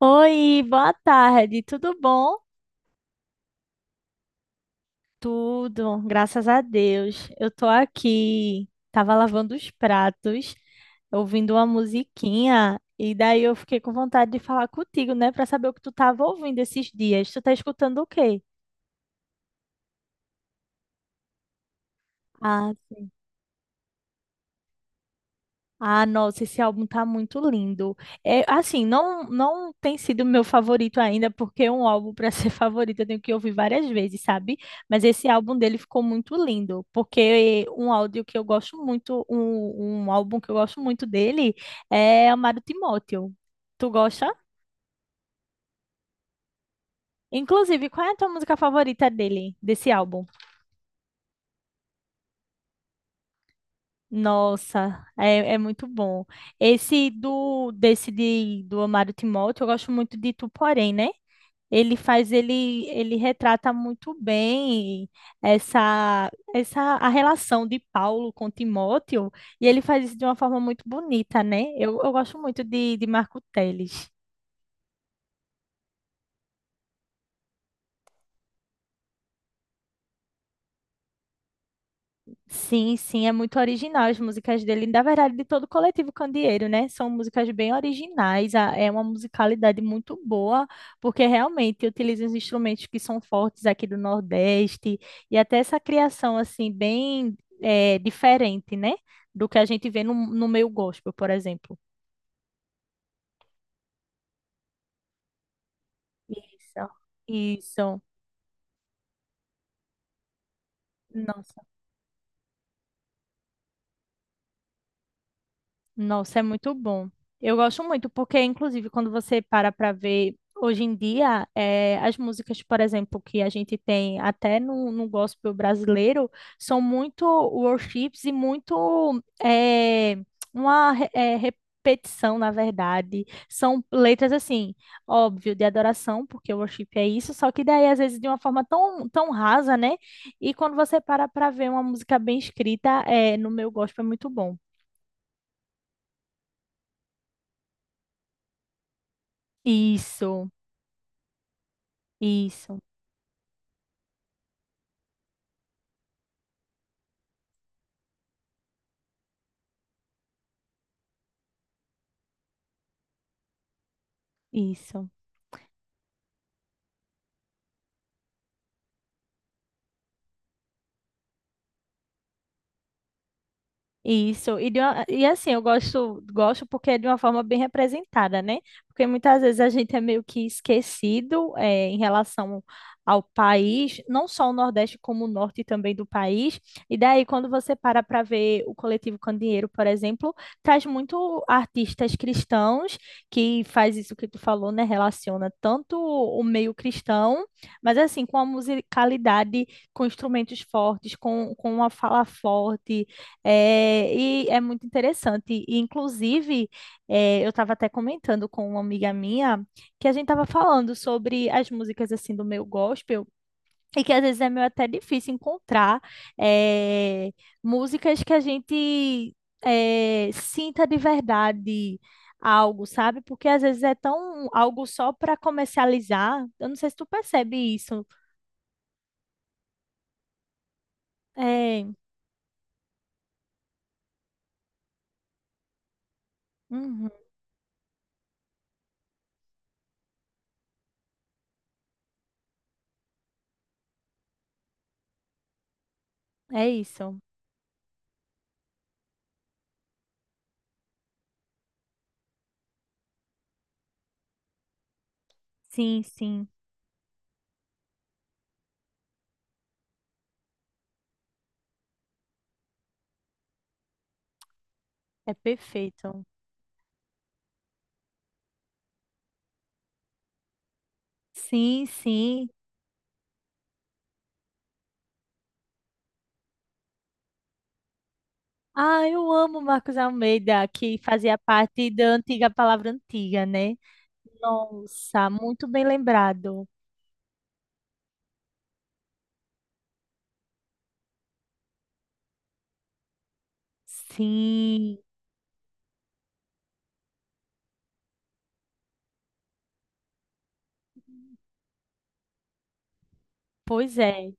Oi, boa tarde, tudo bom? Tudo, graças a Deus. Eu tô aqui, tava lavando os pratos, ouvindo uma musiquinha, e daí eu fiquei com vontade de falar contigo, né, pra saber o que tu tava ouvindo esses dias. Tu tá escutando o quê? Ah. Ah, nossa, esse álbum tá muito lindo. É, assim, não tem sido meu favorito ainda, porque é um álbum para ser favorito eu tenho que ouvir várias vezes, sabe? Mas esse álbum dele ficou muito lindo, porque um áudio que eu gosto muito, um álbum que eu gosto muito dele é Amado Timóteo. Tu gosta? Inclusive, qual é a tua música favorita dele, desse álbum? Nossa, é muito bom. Esse do desse de, do Amado Timóteo, eu gosto muito de Tu Porém, né? Ele retrata muito bem essa, essa a relação de Paulo com Timóteo, e ele faz isso de uma forma muito bonita, né? Eu gosto muito de Marco Teles. Sim, sim, é muito original as músicas dele, na verdade, de todo o coletivo Candeeiro, né? São músicas bem originais, é uma musicalidade muito boa, porque realmente utiliza os instrumentos que são fortes aqui do Nordeste, e até essa criação, assim, bem diferente, né? Do que a gente vê no meio gospel, por exemplo. Isso, isso. Nossa. Nossa, é muito bom. Eu gosto muito, porque, inclusive, quando você para para ver, hoje em dia, as músicas, por exemplo, que a gente tem até no gospel brasileiro, são muito worships e muito uma repetição, na verdade. São letras, assim, óbvio, de adoração, porque o worship é isso, só que daí, às vezes, de uma forma tão, tão rasa, né? E quando você para para ver uma música bem escrita, no meu gospel é muito bom. Isso. Isso, isso. Isso, e assim, eu gosto porque é de uma forma bem representada, né? Porque muitas vezes a gente é meio que esquecido em relação ao país, não só o Nordeste, como o Norte também do país. E daí, quando você para para ver o Coletivo Candeeiro, por exemplo, traz muito artistas cristãos que faz isso que tu falou, né? Relaciona tanto o meio cristão, mas assim, com a musicalidade, com instrumentos fortes, com uma fala forte, é, e é muito interessante. E, inclusive, é, eu estava até comentando com uma amiga minha que a gente estava falando sobre as músicas assim do meu gospel e que às vezes é meio até difícil encontrar é, músicas que a gente é, sinta de verdade algo, sabe? Porque às vezes é tão algo só para comercializar. Eu não sei se tu percebe isso. É, uhum, é isso. Sim, sim. É perfeito. Sim, sim. Ah, eu amo Marcos Almeida, que fazia parte da antiga Palavra Antiga, né? Nossa, muito bem lembrado. Sim, pois é.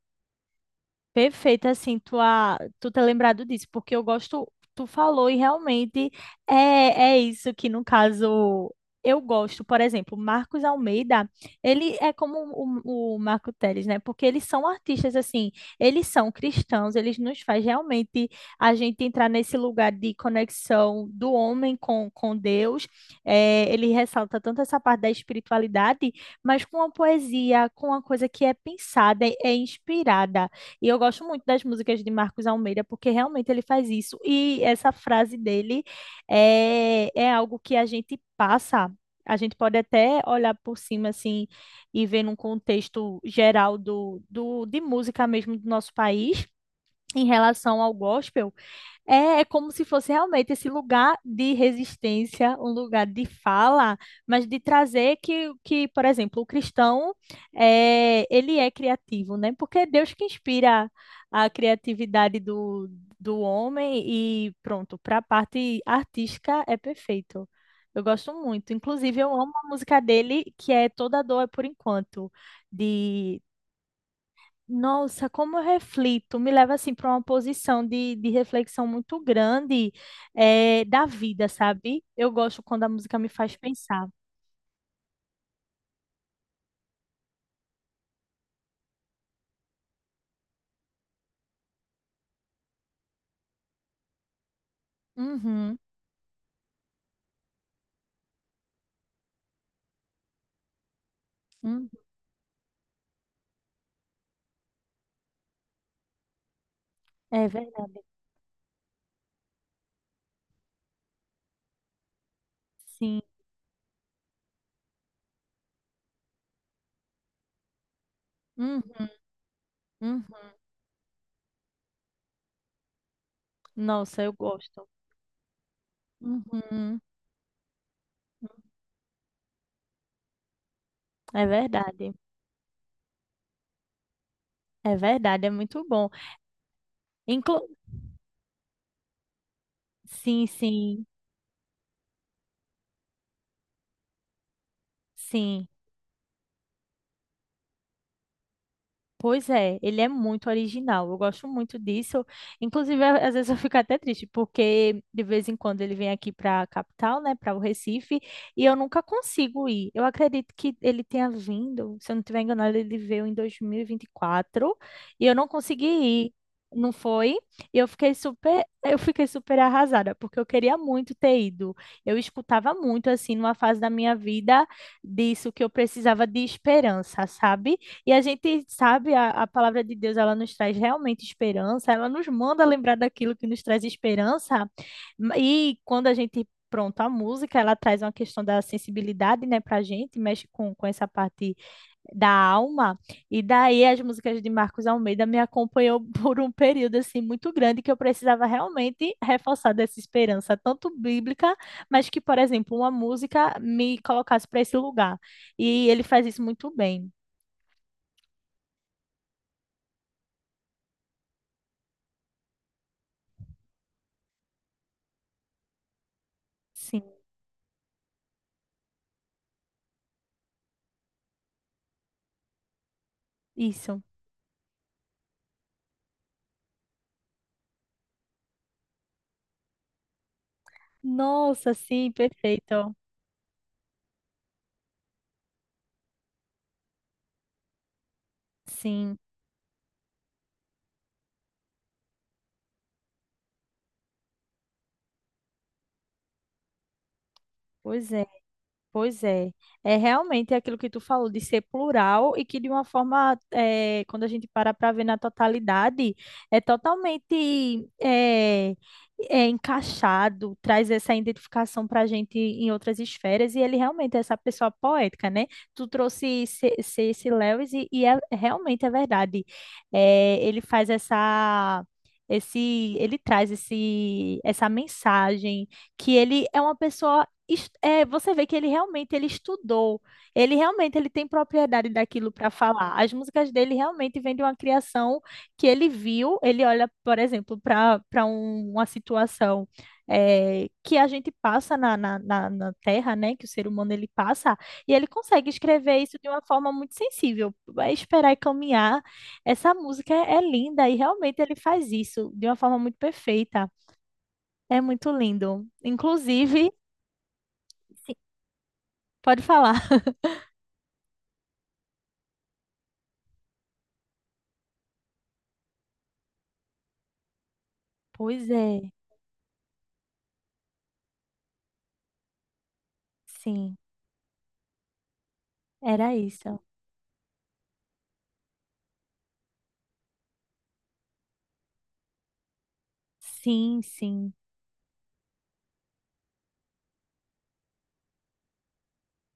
Perfeita, assim, tu ter lembrado disso, porque eu gosto, tu falou e realmente é, é isso que, no caso, eu gosto. Por exemplo, Marcos Almeida, ele é como o Marco Teles, né? Porque eles são artistas, assim, eles são cristãos, eles nos faz realmente a gente entrar nesse lugar de conexão do homem com Deus. É, ele ressalta tanto essa parte da espiritualidade, mas com a poesia, com a coisa que é pensada, é inspirada. E eu gosto muito das músicas de Marcos Almeida, porque realmente ele faz isso. E essa frase dele é algo que a gente passa. A gente pode até olhar por cima assim e ver num contexto geral de música mesmo do nosso país em relação ao gospel, é como se fosse realmente esse lugar de resistência, um lugar de fala, mas de trazer que por exemplo, o cristão, é, ele é criativo, né? Porque é Deus que inspira a criatividade do homem e pronto, para a parte artística é perfeito. Eu gosto muito. Inclusive, eu amo a música dele, que é Toda Dor é por Enquanto, de nossa, como eu reflito, me leva assim para uma posição de reflexão muito grande da vida, sabe? Eu gosto quando a música me faz pensar. Uhum, uhum, é verdade. Sim. Uhum, uhum. Nossa, eu gosto. Uhum, é verdade. É verdade, é muito bom. Inclu- sim, sim, sim. Pois é, ele é muito original. Eu gosto muito disso. Inclusive, às vezes eu fico até triste, porque de vez em quando ele vem aqui para a capital, né, para o Recife, e eu nunca consigo ir. Eu acredito que ele tenha vindo, se eu não estiver enganado, ele veio em 2024 e vinte e quatro e eu não consegui ir. Não foi? E eu fiquei super arrasada, porque eu queria muito ter ido. Eu escutava muito assim numa fase da minha vida disso que eu precisava de esperança, sabe? E a gente sabe, a palavra de Deus, ela nos traz realmente esperança, ela nos manda lembrar daquilo que nos traz esperança. E quando a gente, pronto, a música, ela traz uma questão da sensibilidade, né, pra gente, mexe com essa parte da alma. E daí as músicas de Marcos Almeida me acompanhou por um período, assim, muito grande, que eu precisava realmente reforçar dessa esperança, tanto bíblica, mas que, por exemplo, uma música me colocasse para esse lugar. E ele faz isso muito bem. Sim. Isso. Nossa, sim, perfeito. Sim, pois é. Pois é, é realmente é aquilo que tu falou de ser plural e que de uma forma, quando a gente para para ver na totalidade, é totalmente é encaixado, traz essa identificação para a gente em outras esferas e ele realmente é essa pessoa poética, né? Tu trouxe C.S. Lewis e, é, realmente é verdade. Ele faz essa... ele traz essa mensagem que ele é uma pessoa você vê que ele realmente ele estudou, ele realmente ele tem propriedade daquilo para falar. As músicas dele realmente vêm de uma criação que ele viu. Ele olha, por exemplo, para uma situação é, que a gente passa na Terra, né? Que o ser humano ele passa e ele consegue escrever isso de uma forma muito sensível. Vai esperar e caminhar. Essa música é linda e realmente ele faz isso de uma forma muito perfeita. É muito lindo. Inclusive, Sim. Pode falar. Pois é, sim, era isso. Sim, sim,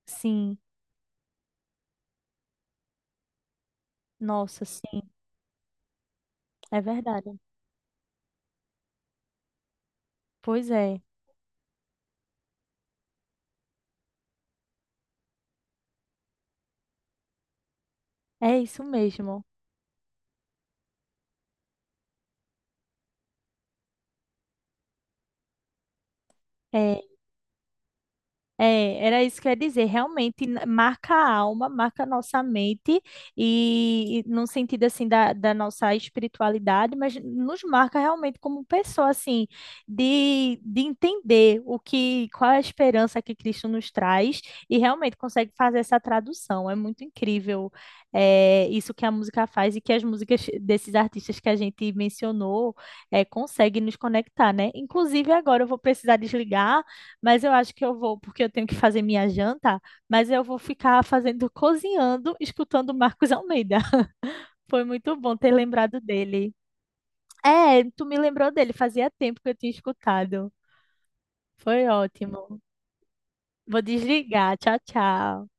sim. Nossa, sim, é verdade. Pois é, é isso mesmo. É. É, era isso que eu ia dizer. Realmente marca a alma, marca a nossa mente, e num sentido assim da nossa espiritualidade, mas nos marca realmente como pessoa, assim, de entender o que, qual é a esperança que Cristo nos traz e realmente consegue fazer essa tradução. É muito incrível, é, isso que a música faz e que as músicas desses artistas que a gente mencionou, é, conseguem nos conectar, né? Inclusive, agora eu vou precisar desligar, mas eu acho que eu vou, porque eu tenho que fazer minha janta, mas eu vou ficar fazendo, cozinhando, escutando Marcos Almeida. Foi muito bom ter lembrado dele. É, tu me lembrou dele, fazia tempo que eu tinha escutado. Foi ótimo. Vou desligar. Tchau, tchau.